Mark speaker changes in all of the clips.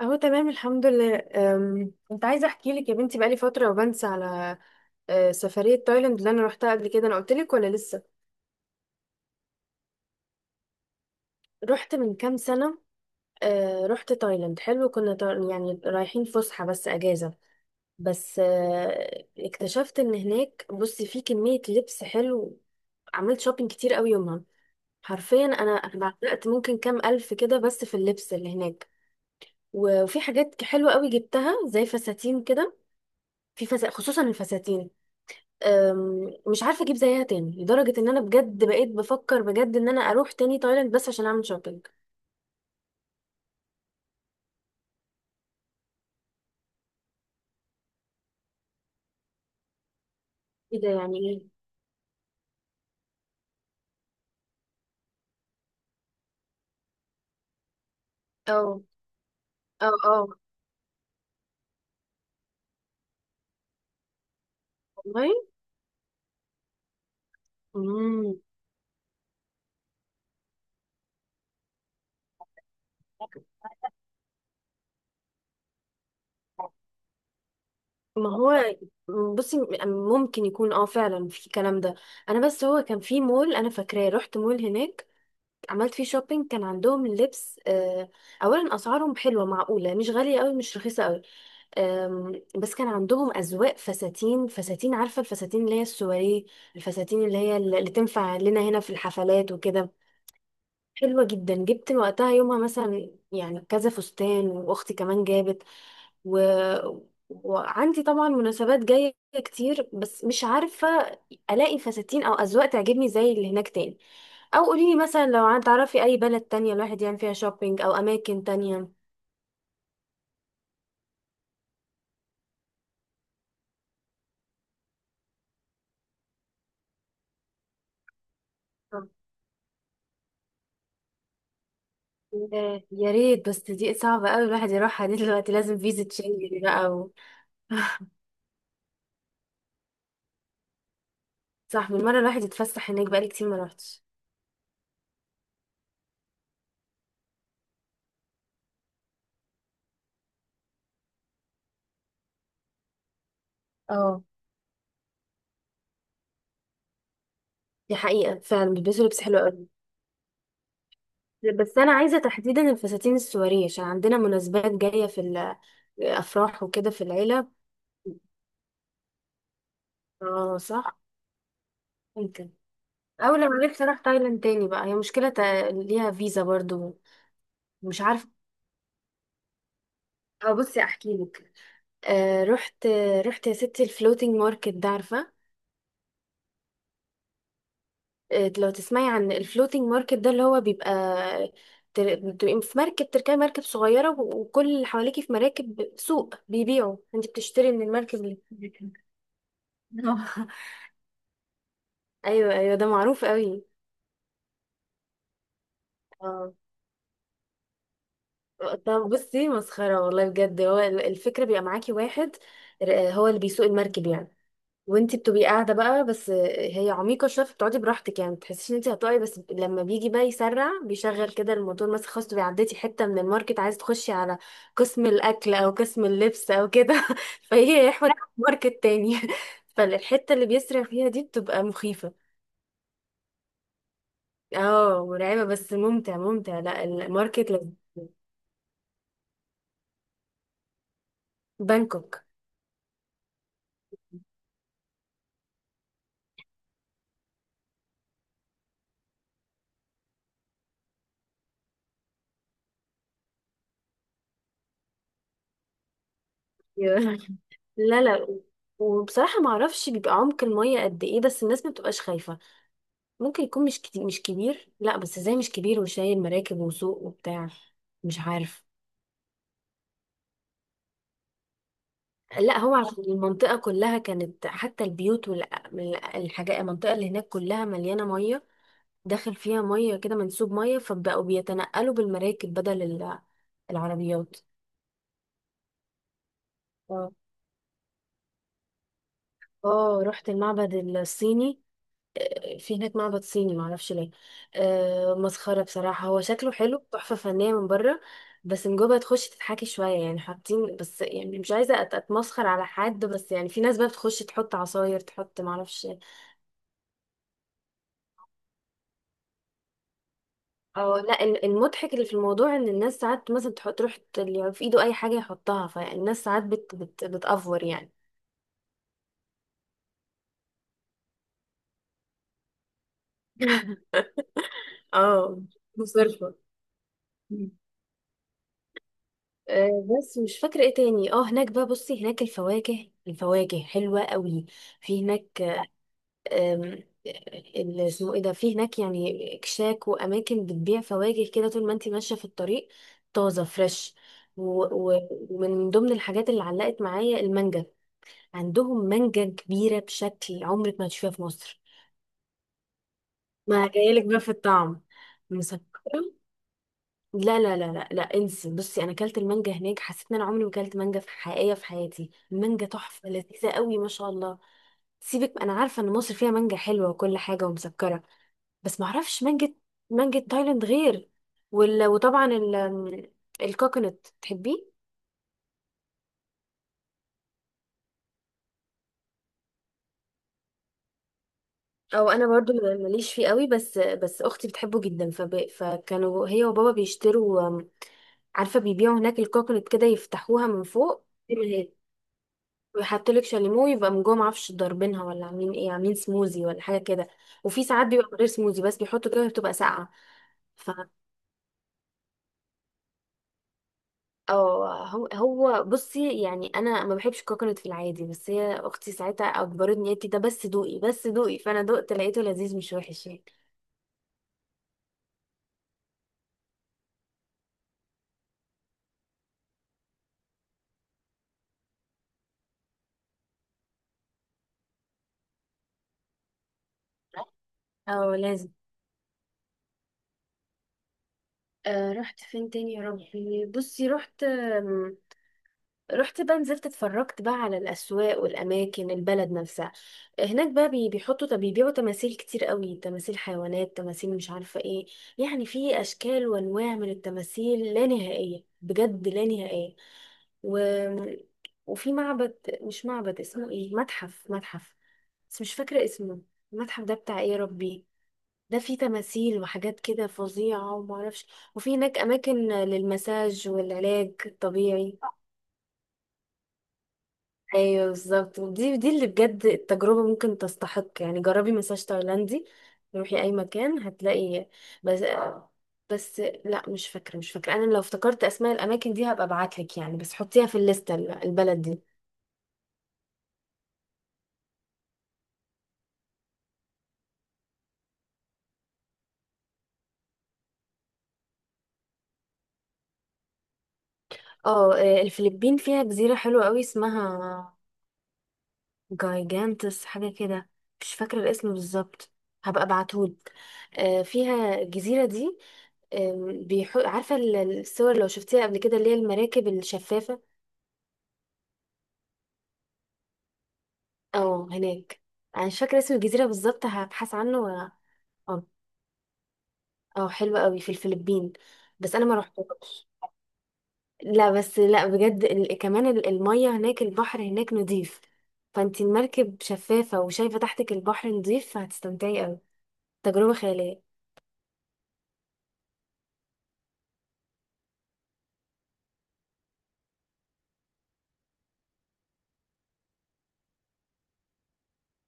Speaker 1: اهو تمام الحمد لله، كنت عايزه احكي لك يا بنتي، بقالي فتره وبنسى على سفريه تايلاند اللي انا روحتها قبل كده. انا قلت لك ولا لسه؟ رحت من كام سنه. رحت تايلاند، حلو. كنا يعني رايحين فسحه، بس اجازه، بس اكتشفت ان هناك، بصي، في كميه لبس حلو. عملت شوبينج كتير قوي يومها. حرفيا انا بعتقت ممكن كام الف كده بس في اللبس اللي هناك. و- وفي حاجات حلوه قوي جبتها، زي فساتين كده. في خصوصا الفساتين، مش عارفه اجيب زيها تاني، لدرجه ان انا بجد بقيت بفكر بجد ان انا اروح تاني تايلاند بس عشان اعمل شوبينج. ايه ده يعني ايه؟ اه، اه، اه والله. مم. ما هو، بصي، ممكن يكون اه فعلا في الكلام ده. انا بس هو كان في مول انا فاكراه، رحت مول هناك، عملت فيه شوبينج، كان عندهم اللبس. اولا اسعارهم حلوه معقوله، مش غاليه قوي مش رخيصه قوي. بس كان عندهم أذواق فساتين، فساتين، عارفة الفساتين اللي هي السواريه؟ الفساتين اللي هي اللي تنفع لنا هنا في الحفلات وكده. حلوة جدا، جبت وقتها يومها مثلا يعني كذا فستان، وأختي كمان جابت. و... وعندي طبعا مناسبات جاية كتير، بس مش عارفة ألاقي فساتين أو أذواق تعجبني زي اللي هناك تاني. أو قوليلي مثلا، لو تعرفي أي بلد تانية الواحد يعمل فيها شوبينج أو أماكن تانية. يا يا ريت، بس دي صعبة قوي الواحد يروحها دي دلوقتي، لازم فيزا شنجن بقى صح، بالمرة الواحد يتفسح هناك، بقالي كتير ما روحتش. اه. دي حقيقة فعلا بيلبسوا لبس حلو قوي. بس أنا عايزة تحديدا الفساتين السواريه عشان عندنا مناسبات جاية في الأفراح وكده في العيلة. اه صح. ممكن. أول لما عرفت أروح تايلاند تاني بقى، هي مشكلة، ليها فيزا برضو. مش عارفة. اه، بصي أحكي لك. آه رحت رحت يا ستي الفلوتينج ماركت ده، عارفة؟ لو تسمعي عن الفلوتينج ماركت ده، اللي هو بيبقى، بتبقي في مركب، تركبي مركب صغيرة، و- وكل اللي حواليكي في مراكب سوق بيبيعوا، انت بتشتري من المركب اللي ايوه ايوه، ده معروف قوي. اه. طب بصي، مسخرة والله بجد. هو الفكرة بيبقى معاكي واحد، هو اللي بيسوق المركب يعني، وانتي بتبقي قاعده بقى. بس هي عميقه شويه، فبتقعدي براحتك يعني، ما بتحسيش ان انتي هتقعي. بس لما بيجي بقى يسرع، بيشغل كده الموتور مثلا، خلاص تبقي عديتي حته من الماركت، عايزه تخشي على قسم الاكل او قسم اللبس او كده فهي يحوت ماركت تاني فالحته اللي بيسرع فيها دي بتبقى مخيفه. اه مرعبه، بس ممتع ممتع. لا الماركت بانكوك. لا لا. وبصراحه ما اعرفش بيبقى عمق الميه قد ايه، بس الناس ما بتبقاش خايفه. ممكن يكون مش كتير، مش كبير. لا بس ازاي مش كبير وشايل مراكب وسوق وبتاع؟ مش عارف. لا، هو عشان المنطقة كلها كانت، حتى البيوت والحاجات، المنطقة اللي هناك كلها مليانة مية، داخل فيها مية كده منسوب مية، فبقوا بيتنقلوا بالمراكب بدل العربيات. اه. اه رحت المعبد الصيني، في هناك معبد صيني، معرفش ليه. آه مسخرة بصراحة، هو شكله حلو، تحفة فنية من بره، بس من جوه تخش تتحكي شوية يعني، حاطين بس، يعني مش عايزة اتمسخر على حد، بس يعني في ناس بقى بتخش تحط عصاير، تحط معرفش إيه. اه لا، المضحك اللي في الموضوع ان الناس ساعات مثلا تحط، تروح اللي في ايده اي حاجة يحطها. فالناس ساعات بت بت بتأفور يعني. اه مصرفة. بس مش فاكرة ايه تاني. اه هناك بقى، بصي، هناك الفواكه، الفواكه حلوة قوي في هناك. أم، اللي اسمه ايه ده، في هناك يعني اكشاك واماكن بتبيع فواكه كده طول ما انت ماشيه في الطريق، طازه فريش. و- و- ومن ضمن الحاجات اللي علقت معايا المانجا. عندهم مانجا كبيره بشكل عمرك ما هتشوفيها في مصر. ما جايلك بقى في الطعم، مسكره. لا لا لا لا لا انسي، بصي انا اكلت المانجا هناك حسيت ان انا عمري ما اكلت مانجا في حقيقيه في حياتي. المانجا تحفه لذيذه قوي ما شاء الله. سيبك، انا عارفه ان مصر فيها مانجا حلوه وكل حاجه ومسكره، بس ما اعرفش، مانجة تايلاند غير. وطبعا الكوكونات، تحبيه؟ او انا برضو ماليش فيه قوي، بس بس اختي بتحبه جدا، فكانوا هي وبابا بيشتروا. عارفه بيبيعوا هناك الكوكونات كده، يفتحوها من فوق ويحطوا لك شاليمو، يبقى من جوه معرفش ضاربينها ولا عاملين ايه، عاملين سموزي ولا حاجه كده، وفي ساعات بيبقى من غير سموزي، بس بيحطوا كده بتبقى ساقعه. ف... اه، هو بصي، يعني انا ما بحبش الكوكونات في العادي، بس هي اختي ساعتها اجبرتني، قالت لي ده بس دوقي بس دوقي، فانا دقت لقيته لذيذ، مش وحش يعني. اه لازم. آه، رحت فين تاني يا ربي؟ بصي، رحت بقى، نزلت اتفرجت بقى على الأسواق والأماكن، البلد نفسها. هناك بقى بيحطوا، بيبيعوا تماثيل كتير قوي، تماثيل حيوانات، تماثيل مش عارفة ايه، يعني في أشكال وأنواع من التماثيل لا نهائية بجد، لا نهائية. و... وفي معبد، مش معبد، اسمه ايه، متحف، متحف، بس مش فاكرة اسمه. المتحف ده بتاع ايه يا ربي؟ ده فيه تماثيل وحاجات كده فظيعة ومعرفش. وفي هناك أماكن للمساج والعلاج الطبيعي. ايوه بالظبط، ودي اللي بجد التجربه ممكن تستحق، يعني جربي مساج تايلاندي، روحي اي مكان هتلاقي. بس بس لا مش فاكره، مش فاكره. انا لو افتكرت اسماء الاماكن دي هبقى ابعتلك يعني، بس حطيها في الليسته، البلد دي. اه. آه، الفلبين فيها جزيره حلوه قوي، اسمها جايجانتس حاجه كده، مش فاكره الاسم بالظبط، هبقى ابعتهولك. آه، فيها الجزيره دي. آم، عارفه الصور لو شفتيها قبل كده، اللي هي المراكب الشفافه؟ اه هناك. انا مش فاكره اسم الجزيره بالظبط، هبحث عنه اه. اه حلو قوي في الفلبين، بس انا ما رحتش. لا بس لا بجد، كمان الميه هناك، البحر هناك نضيف، فانت المركب شفافه وشايفه تحتك البحر نضيف، فهتستمتعي قوي، تجربه خياليه.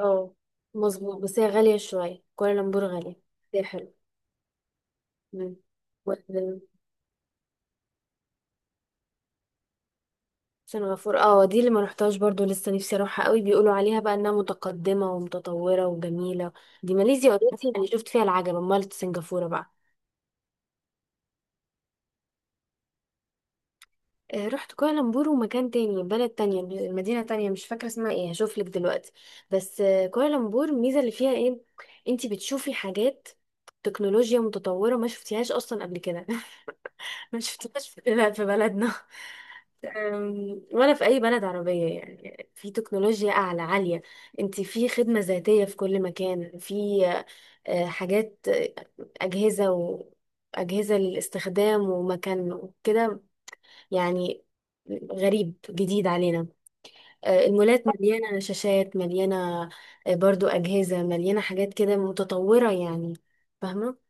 Speaker 1: اه مظبوط، بس هي غاليه شويه كوالالمبور، غاليه بس هي حلوه. مم. سان غفور، اه دي اللي ما رحتهاش برضو، لسه نفسي اروحها قوي، بيقولوا عليها بقى انها متقدمة ومتطورة وجميلة. دي ماليزيا اوريدي يعني شفت فيها العجب، امال سنغافورة بقى. آه، رحت كوالالمبور، ومكان تاني، بلد تانية مدينة تانية مش فاكرة اسمها ايه، هشوف لك دلوقتي. بس كوالالمبور الميزة اللي فيها ايه، انتي بتشوفي حاجات، تكنولوجيا متطورة ما شفتيهاش اصلا قبل كده، ما شفتهاش في، لا في بلدنا، ولا في اي بلد عربيه يعني. في تكنولوجيا عاليه، انت في خدمه ذاتيه في كل مكان، في حاجات، اجهزه واجهزه للاستخدام ومكان وكده يعني، غريب جديد علينا. المولات مليانه شاشات، مليانه برضو اجهزه، مليانه حاجات كده متطوره يعني، فاهمه؟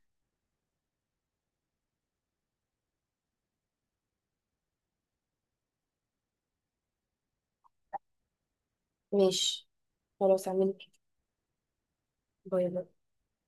Speaker 1: ماشي. خلاص اعمل. باي باي.